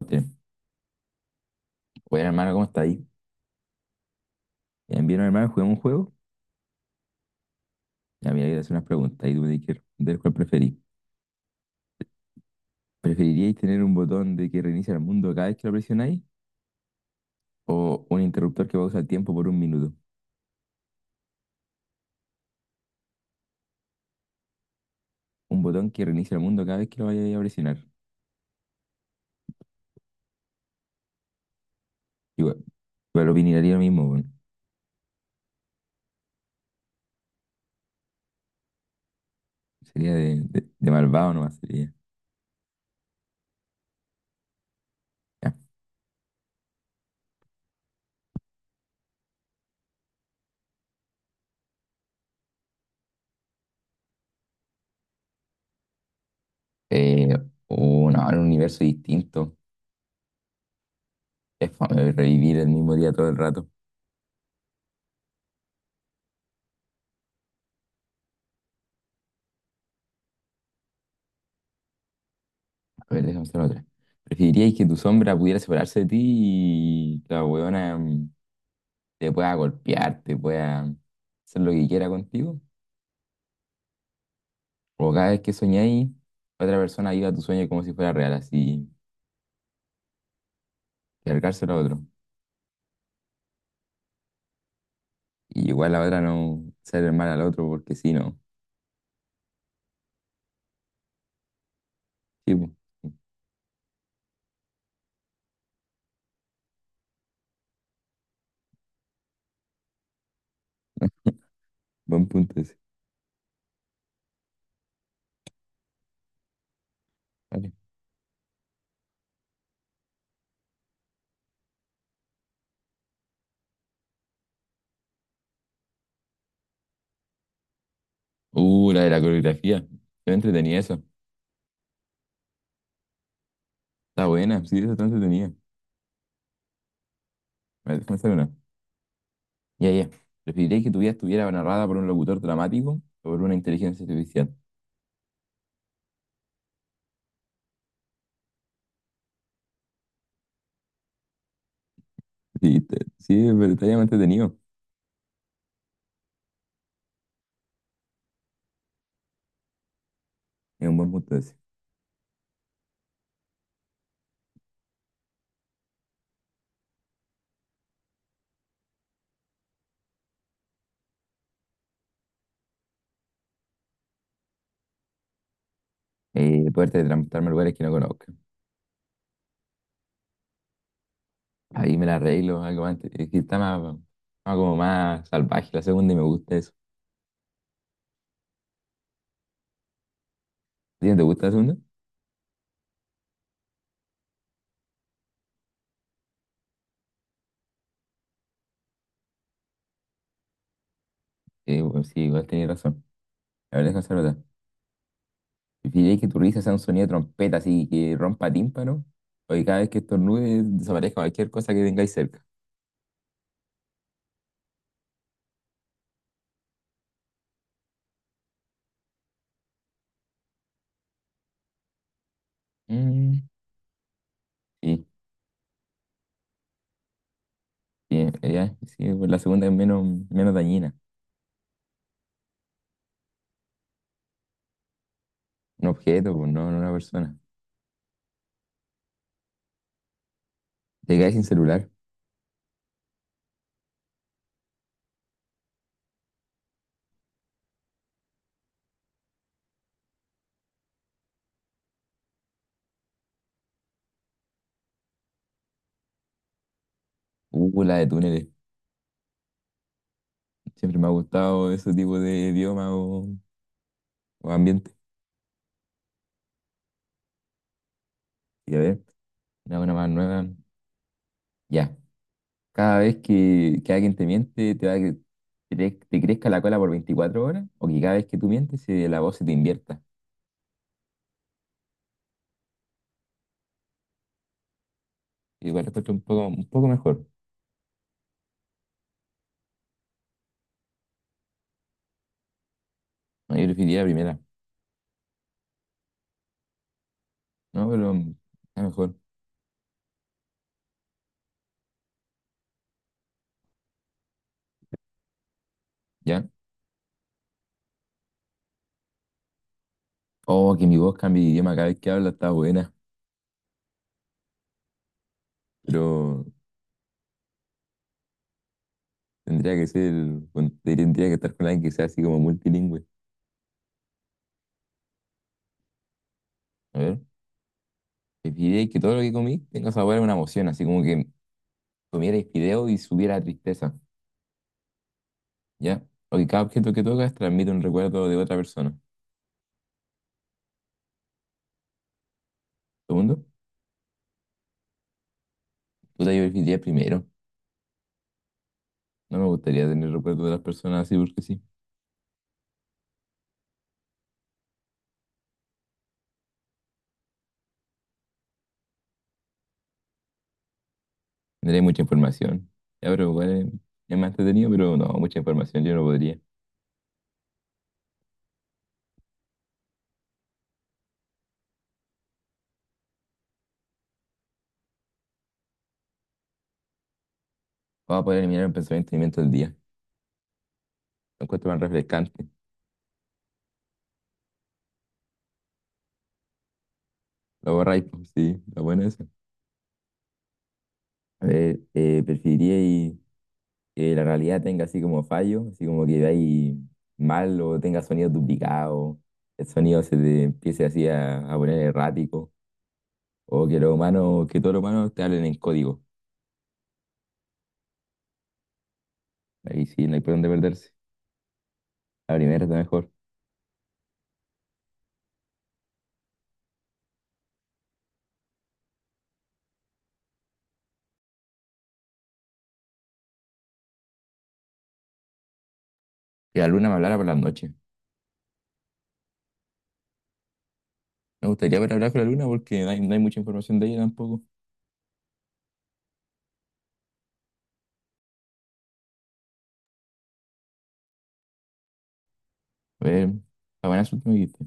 Bien. Bueno, hermano, ¿cómo está ahí? Bien, bien, hermano, juguemos un juego. Ya, mira, voy a hacer unas preguntas y tú me tienes que responder cuál preferís. ¿Preferiríais tener un botón de que reinicia el mundo cada vez que lo presionáis o un interruptor que pausa el tiempo por un minuto? Un botón que reinicia el mundo cada vez que lo vayáis a presionar. Igual, igual opinaría lo mismo, bueno. Sería de malvado nomás, sería. Ya. Eh, o no, era un universo distinto. Es fome revivir el mismo día todo el rato. A ver, déjame hacer otra. ¿Preferiríais que tu sombra pudiera separarse de ti y la huevona, te pueda golpear, te pueda hacer lo que quiera contigo? O cada vez que soñáis, otra persona viva tu sueño como si fuera real, así, cargárselo a otro. Y igual la otra no ser mal al otro, porque si no. Sí, po. Buen punto ese. Vale. La de la coreografía. Yo entretenía eso. Está buena, sí, eso está entretenida. A ver, déjame hacer una. Ya, ya. ¿Preferirías que tu vida estuviera narrada por un locutor dramático o por una inteligencia artificial? Sí, sí, pero está bien entretenido. Es un buen punto ese. Y poder teletransportarme a lugares que no conozco. Ahí me la arreglo, algo más. Es que está más, más como más salvaje la segunda y me gusta eso. ¿A ti no te gusta la segunda? Bueno, sí, igual tenías razón. La verdad es que no se nota. ¿Preferirías que tu risa sea un sonido de trompeta así que rompa tímpano? O que cada vez que estornudes desaparezca cualquier cosa que tengáis cerca. Mm, sí, sí, ya, sí, pues la segunda es menos, menos dañina. Un objeto, pues no, no una persona. Te quedas sin celular. La de túneles. Siempre me ha gustado ese tipo de idioma o, ambiente. Y a ver, una buena más nueva. Ya. Cada vez que alguien te miente, te va a que te crezca la cola por 24 horas, o que cada vez que tú mientes, la voz se te invierta. Igual la encuentro un poco mejor. No, yo preferiría la primera. No, pero está mejor. ¿Ya? Oh, que mi voz cambie de idioma cada vez que habla, está buena. Pero tendría que ser, tendría que estar con alguien que sea así como multilingüe. A ver, preferiría que todo lo que comí tenga sabor a una emoción, así como que comiera fideo y subiera tristeza. ¿Ya? O que cada objeto que tocas transmite un recuerdo de otra persona. Segundo, tú te identificarías primero. No me gustaría tener recuerdos de las personas así porque sí. Tendría mucha información. Ya, pero igual es más entretenido, pero no, mucha información yo no podría. Vamos a poder eliminar el pensamiento y sentimiento del día. Lo encuentro más refrescante. Lo borráis, pues, sí, lo bueno es eso. A ver, preferiría y que la realidad tenga así como fallo, así como que veáis mal o tenga sonidos duplicados, el sonido se te empiece así a poner errático. O que los humanos, que todos los humanos te hablen en código. Ahí sí, no hay por dónde perderse. La primera está mejor. Que la luna me hablara por las noches. Me gustaría poder hablar con la luna porque no hay mucha información de ella tampoco. A ver, la buena suerte me dijiste.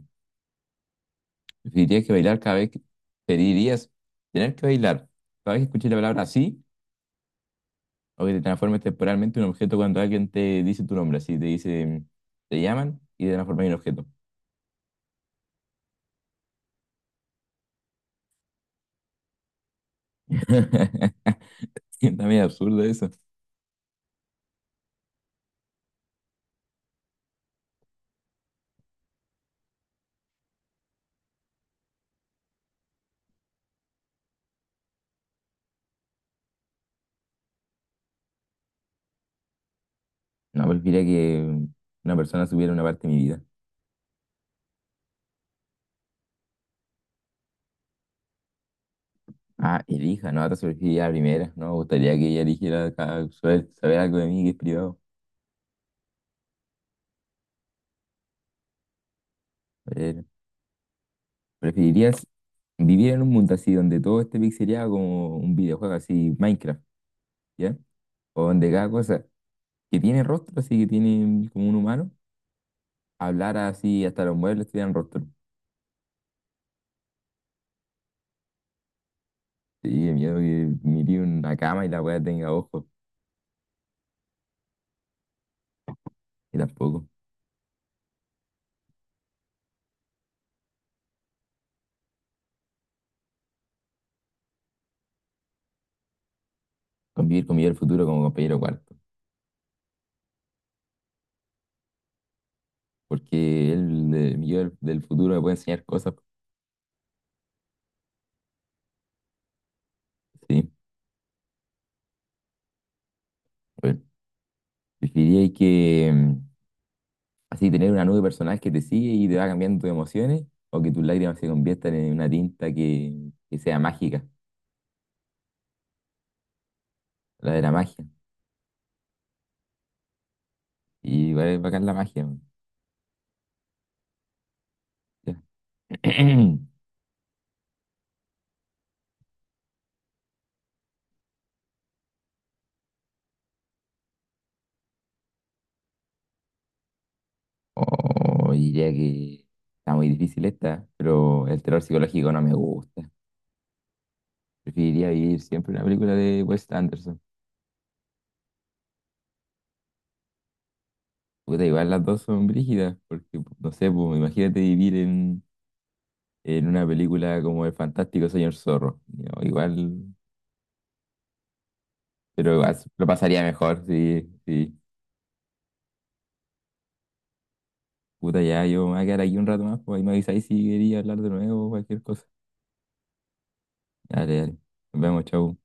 Preferirías que bailar cada vez que. Preferirías tener que bailar cada vez que escuches la palabra así o que te transformes temporalmente en un objeto cuando alguien te dice tu nombre. Así te dice, te llaman y te transformas en un objeto. Está medio absurdo eso. No, preferiría que una persona supiera una parte de mi vida. Ah, elija, no, te surgiría la primera. No me gustaría que ella eligiera saber algo de mí que es privado. Eh, ¿Preferirías vivir en un mundo así donde todo esté pixelado como un videojuego así, Minecraft, ¿ya? o donde cada cosa que tiene rostro, así que tiene como un humano, hablara así, hasta los muebles tuvieran rostro? Sí, de miedo que mire una cama y la weá tenga ojos, y tampoco. Convivir con mi yo del futuro como compañero cuarto. Porque él, mi yo del futuro me puede enseñar cosas. Sí, bueno. ¿Preferiríais que así tener una nube personal que te sigue y te va cambiando tus emociones, o que tus lágrimas se conviertan en una tinta que sea mágica, la de la magia? Y va a bacán la magia, man. Ya. Oh, diría que está muy difícil esta, pero el terror psicológico no me gusta. Preferiría vivir siempre una película de Wes Anderson. Puta, igual las dos son brígidas, porque no sé, pues, imagínate vivir en, una película como El Fantástico Señor Zorro. No, igual, pero igual lo pasaría mejor, sí, sí. Puta, ya, yo me voy a quedar aquí un rato más, pues ahí me avisáis si quería hablar de nuevo o cualquier cosa. Dale, dale. Nos vemos, chau.